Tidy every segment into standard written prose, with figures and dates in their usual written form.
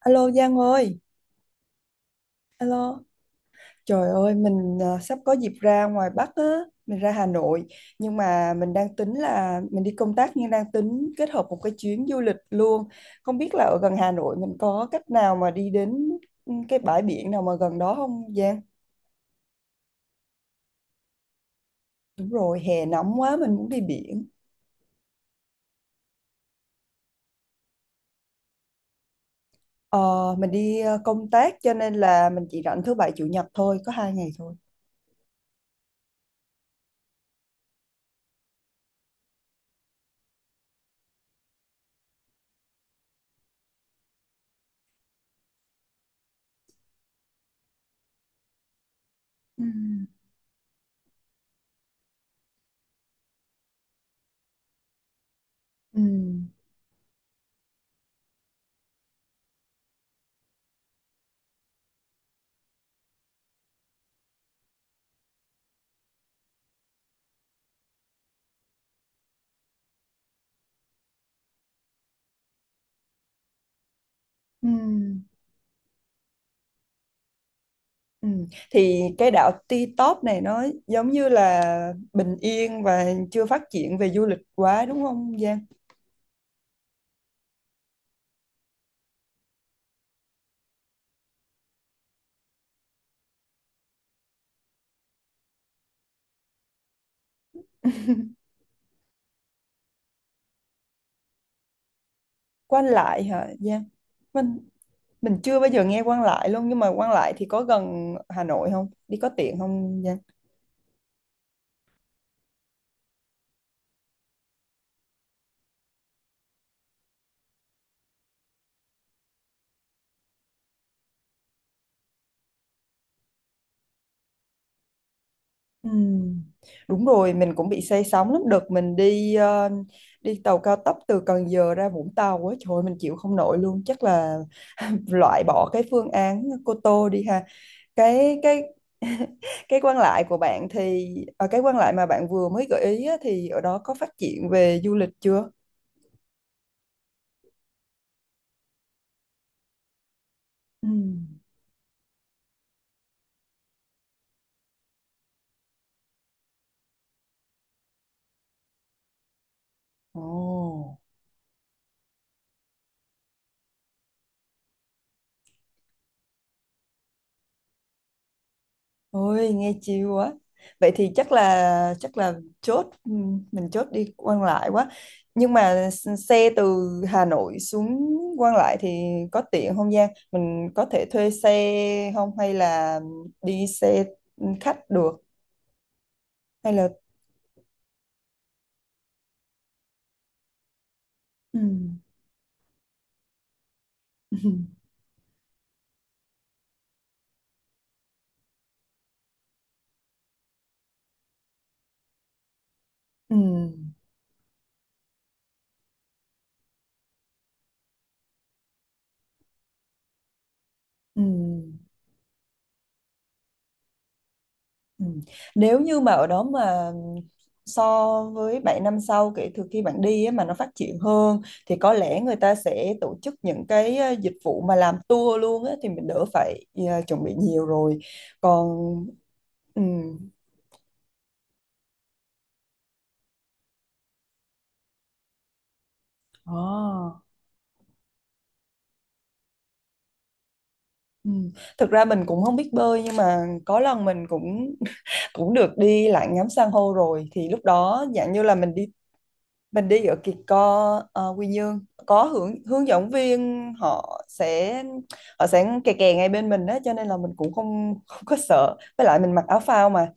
Alo Giang ơi, alo. Trời ơi, mình sắp có dịp ra ngoài Bắc á, mình ra Hà Nội, nhưng mà mình đang tính là mình đi công tác nhưng đang tính kết hợp một cái chuyến du lịch luôn. Không biết là ở gần Hà Nội mình có cách nào mà đi đến cái bãi biển nào mà gần đó không Giang? Đúng rồi, hè nóng quá mình muốn đi biển. Ờ, mình đi công tác cho nên là mình chỉ rảnh thứ bảy chủ nhật thôi, có 2 ngày thôi. Ừ. Ừ. Ừ. Ừ. Thì cái đảo Ti Tốp này nó giống như là bình yên và chưa phát triển về du lịch quá đúng không Giang? Quan Lại hả Giang? Mình mình chưa bao giờ nghe Quan Lại luôn nhưng mà Quan Lại thì có gần Hà Nội không? Đi có tiện không Giang? Ừ. Đúng rồi, mình cũng bị say sóng lắm. Đợt mình đi tàu cao tốc từ Cần Giờ ra Vũng Tàu á, trời ơi, mình chịu không nổi luôn. Chắc là loại bỏ cái phương án Cô Tô đi ha cái cái quan lại của bạn thì ở cái quan lại mà bạn vừa mới gợi ý á, thì ở đó có phát triển về du lịch chưa? Ừ. Ồ, ôi nghe chill quá. Vậy thì chắc là chốt ừ, mình chốt đi quan lại quá. Nhưng mà xe từ Hà Nội xuống quan lại thì có tiện không Giang? Mình có thể thuê xe không hay là đi xe khách được hay là ừ. Ừ. Ừ. Ừ. Nếu như mà ở đó mà so với 7 năm sau kể từ khi bạn đi á, mà nó phát triển hơn thì có lẽ người ta sẽ tổ chức những cái dịch vụ mà làm tour luôn á, thì mình đỡ phải chuẩn bị nhiều rồi. Còn ừ. À, ừ. Thực ra mình cũng không biết bơi nhưng mà có lần mình cũng cũng được đi lại ngắm san hô rồi thì lúc đó dạng như là mình đi ở Kỳ Co Quy Nhơn có hướng hướng dẫn viên họ sẽ kè kè ngay bên mình á cho nên là mình cũng không không có sợ với lại mình mặc áo phao mà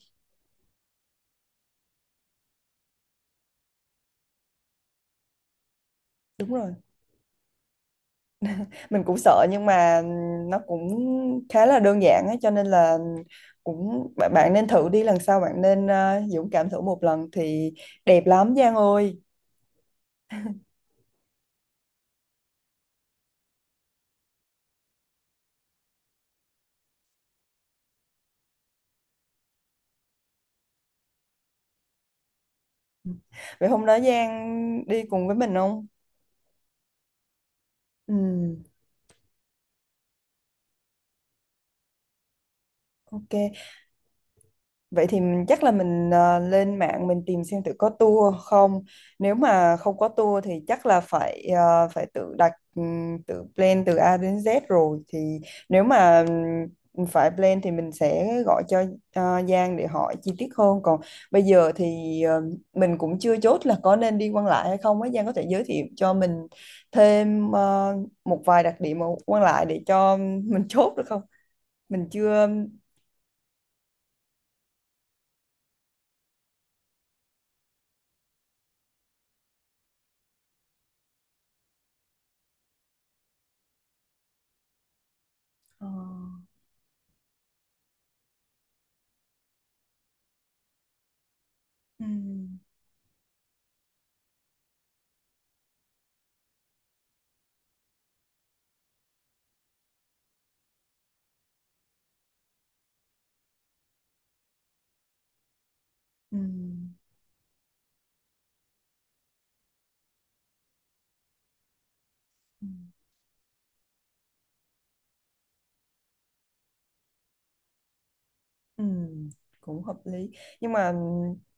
đúng rồi mình cũng sợ nhưng mà nó cũng khá là đơn giản á cho nên là cũng bạn bạn nên thử đi lần sau bạn nên dũng cảm thử một lần thì đẹp lắm Giang ơi vậy hôm đó Giang đi cùng với mình không ừ ok. Vậy thì chắc là mình lên mạng mình tìm xem tự có tour không. Nếu mà không có tour thì chắc là phải tự đặt tự plan từ A đến Z rồi. Thì nếu mà phải plan thì mình sẽ gọi cho Giang để hỏi chi tiết hơn. Còn bây giờ thì mình cũng chưa chốt là có nên đi Quan Lại hay không ấy Giang có thể giới thiệu cho mình thêm một vài đặc điểm ở Quan Lại để cho mình chốt được không? Mình chưa. Ờ. Ờ. Ừ. Ừ. Ừ. Ừ. Cũng hợp lý nhưng mà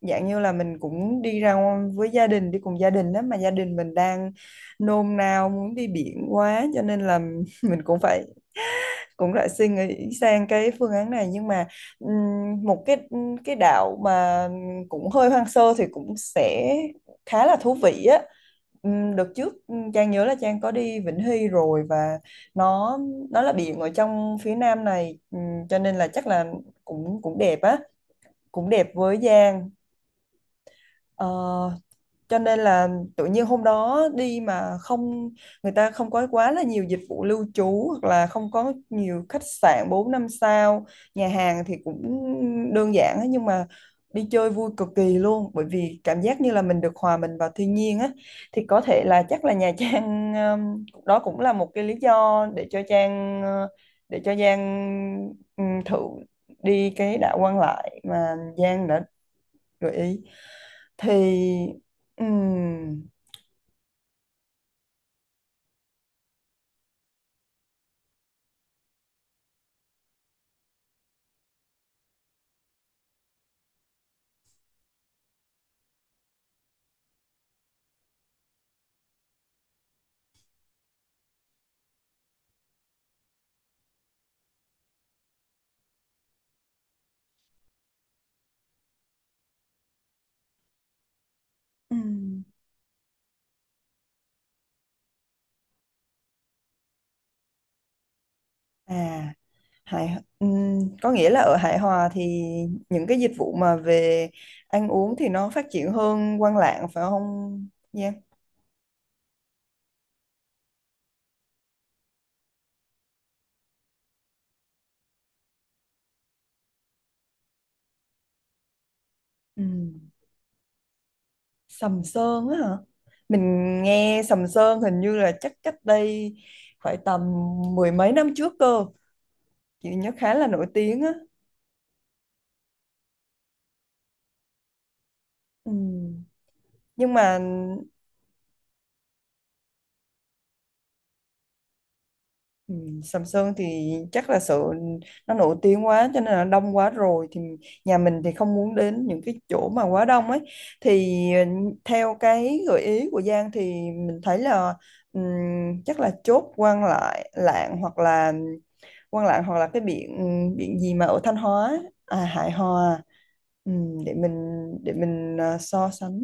dạng như là mình cũng đi ra với gia đình đi cùng gia đình đó mà gia đình mình đang nôn nao muốn đi biển quá cho nên là mình cũng phải cũng lại suy nghĩ sang cái phương án này nhưng mà một cái đảo mà cũng hơi hoang sơ thì cũng sẽ khá là thú vị á. Đợt trước Trang nhớ là Trang có đi Vĩnh Hy rồi và nó nó là biển ở trong phía nam này cho nên là chắc là cũng cũng đẹp á cũng đẹp với Giang. Ờ, cho nên là tự nhiên hôm đó đi mà không người ta không có quá là nhiều dịch vụ lưu trú hoặc là không có nhiều khách sạn 4 năm sao, nhà hàng thì cũng đơn giản á, nhưng mà đi chơi vui cực kỳ luôn bởi vì cảm giác như là mình được hòa mình vào thiên nhiên á. Thì có thể là chắc là Nha Trang, đó cũng là một cái lý do để cho Trang để cho Giang, thử đi cái đảo Quan Lại mà Giang đã gợi ý thì ừm, ừm, à hài có nghĩa là ở Hải Hòa thì những cái dịch vụ mà về ăn uống thì nó phát triển hơn Quan Lạng phải không Giang? Ừm, Sầm Sơn á hả? Mình nghe Sầm Sơn hình như là chắc cách đây phải tầm mười mấy năm trước cơ, chị nhớ khá là nổi tiếng á. Ừm, nhưng mà Ừ, Sầm Sơn thì chắc là sự nó nổi tiếng quá cho nên là đông quá rồi thì nhà mình thì không muốn đến những cái chỗ mà quá đông ấy. Thì theo cái gợi ý của Giang thì mình thấy là ừm, chắc là chốt Quan lại Lạng hoặc là Quan Lạng hoặc là cái biển biển gì mà ở Thanh Hóa, à Hải Hòa. Ừm, để mình để mình so sánh.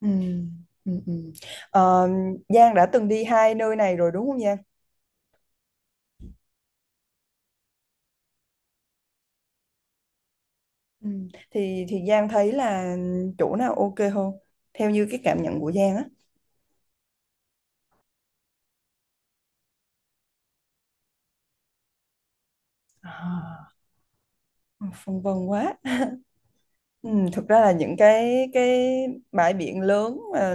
Ừm, ừm, ừm. Ờ, Giang đã từng đi hai nơi này rồi đúng không? Ừ. Thì Giang thấy là chỗ nào ok hơn theo như cái cảm nhận của Giang á? À. Ừ, phân vân quá. Ừ, thực ra là những cái bãi biển lớn mà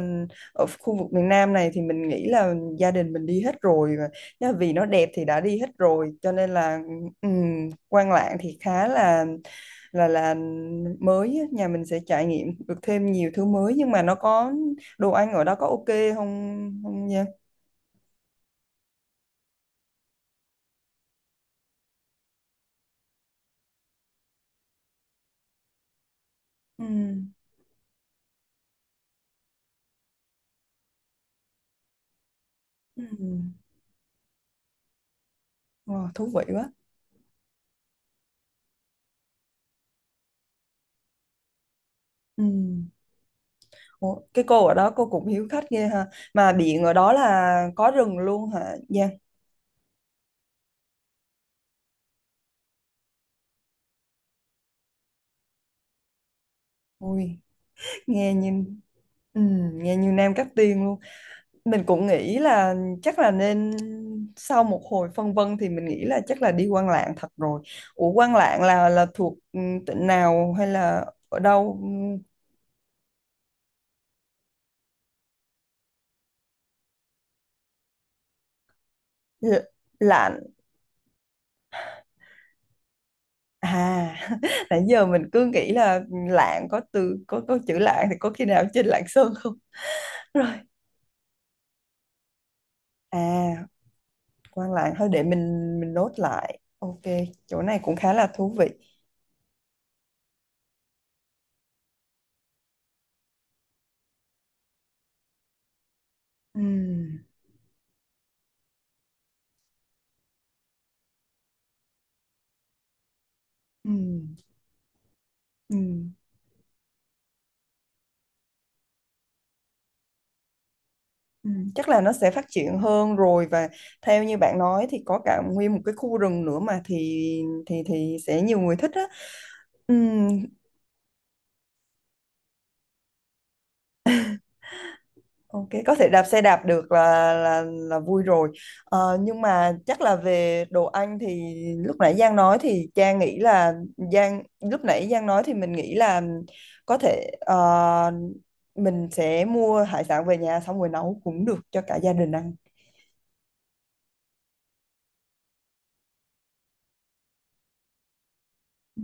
ở khu vực miền Nam này thì mình nghĩ là gia đình mình đi hết rồi mà. Nhá, vì nó đẹp thì đã đi hết rồi cho nên là ừ, Quan Lạn thì khá là mới á. Nhà mình sẽ trải nghiệm được thêm nhiều thứ mới nhưng mà nó có đồ ăn ở đó có ok không không nha? Ừ. Ừ. Wow, thú vị quá. Ừ. Ủa, cái cô ở đó cô cũng hiếu khách ghê ha. Mà điện ở đó là có rừng luôn hả Giang? Ui, nghe như ừ, nghe như Nam Cát Tiên luôn. Mình cũng nghĩ là chắc là nên sau một hồi phân vân thì mình nghĩ là chắc là đi Quan Lạng thật rồi. Ủa Quan Lạng là thuộc tỉnh nào hay là ở đâu? Ừ, Lạng. À nãy giờ mình cứ nghĩ là Lạng có từ có chữ Lạng thì có khi nào trên Lạng Sơn không? À, quan lại thôi để mình nốt lại. Ok, chỗ này cũng khá là thú vị. Ừm, ừm, ừm, Chắc là nó sẽ phát triển hơn rồi và theo như bạn nói thì có cả nguyên một cái khu rừng nữa mà thì sẽ nhiều người thích á. Ừm, Ok, có thể đạp xe đạp được là vui rồi. Nhưng mà chắc là về đồ ăn thì lúc nãy Giang nói thì Trang nghĩ là Giang lúc nãy Giang nói thì mình nghĩ là có thể mình sẽ mua hải sản về nhà xong rồi nấu cũng được cho cả gia đình ăn. Ừ.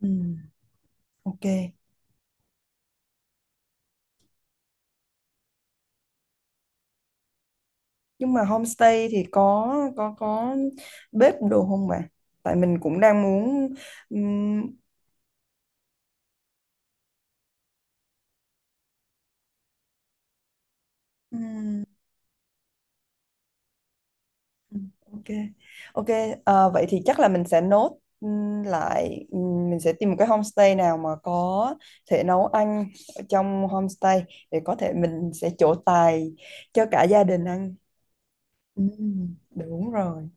Ừ, ok. Nhưng mà homestay thì có có có bếp đồ không bà? Tại mình cũng đang muốn ừm, ừm, Ừ, Ok, ok. Vậy thì chắc là mình sẽ nốt lại, mình sẽ tìm một cái homestay nào mà có thể nấu ăn ở trong homestay để có thể mình sẽ trổ tài cho cả gia đình ăn. Đúng rồi.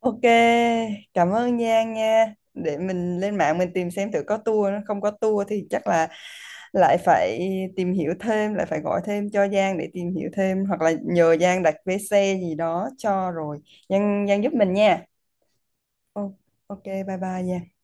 Ok, cảm ơn Giang nha. Để mình lên mạng mình tìm xem thử có tour, nó không có tour thì chắc là lại phải tìm hiểu thêm, lại phải gọi thêm cho Giang để tìm hiểu thêm hoặc là nhờ Giang đặt vé xe gì đó cho rồi. Giang Giang giúp mình nha. Ô- Ok, bye bye Giang.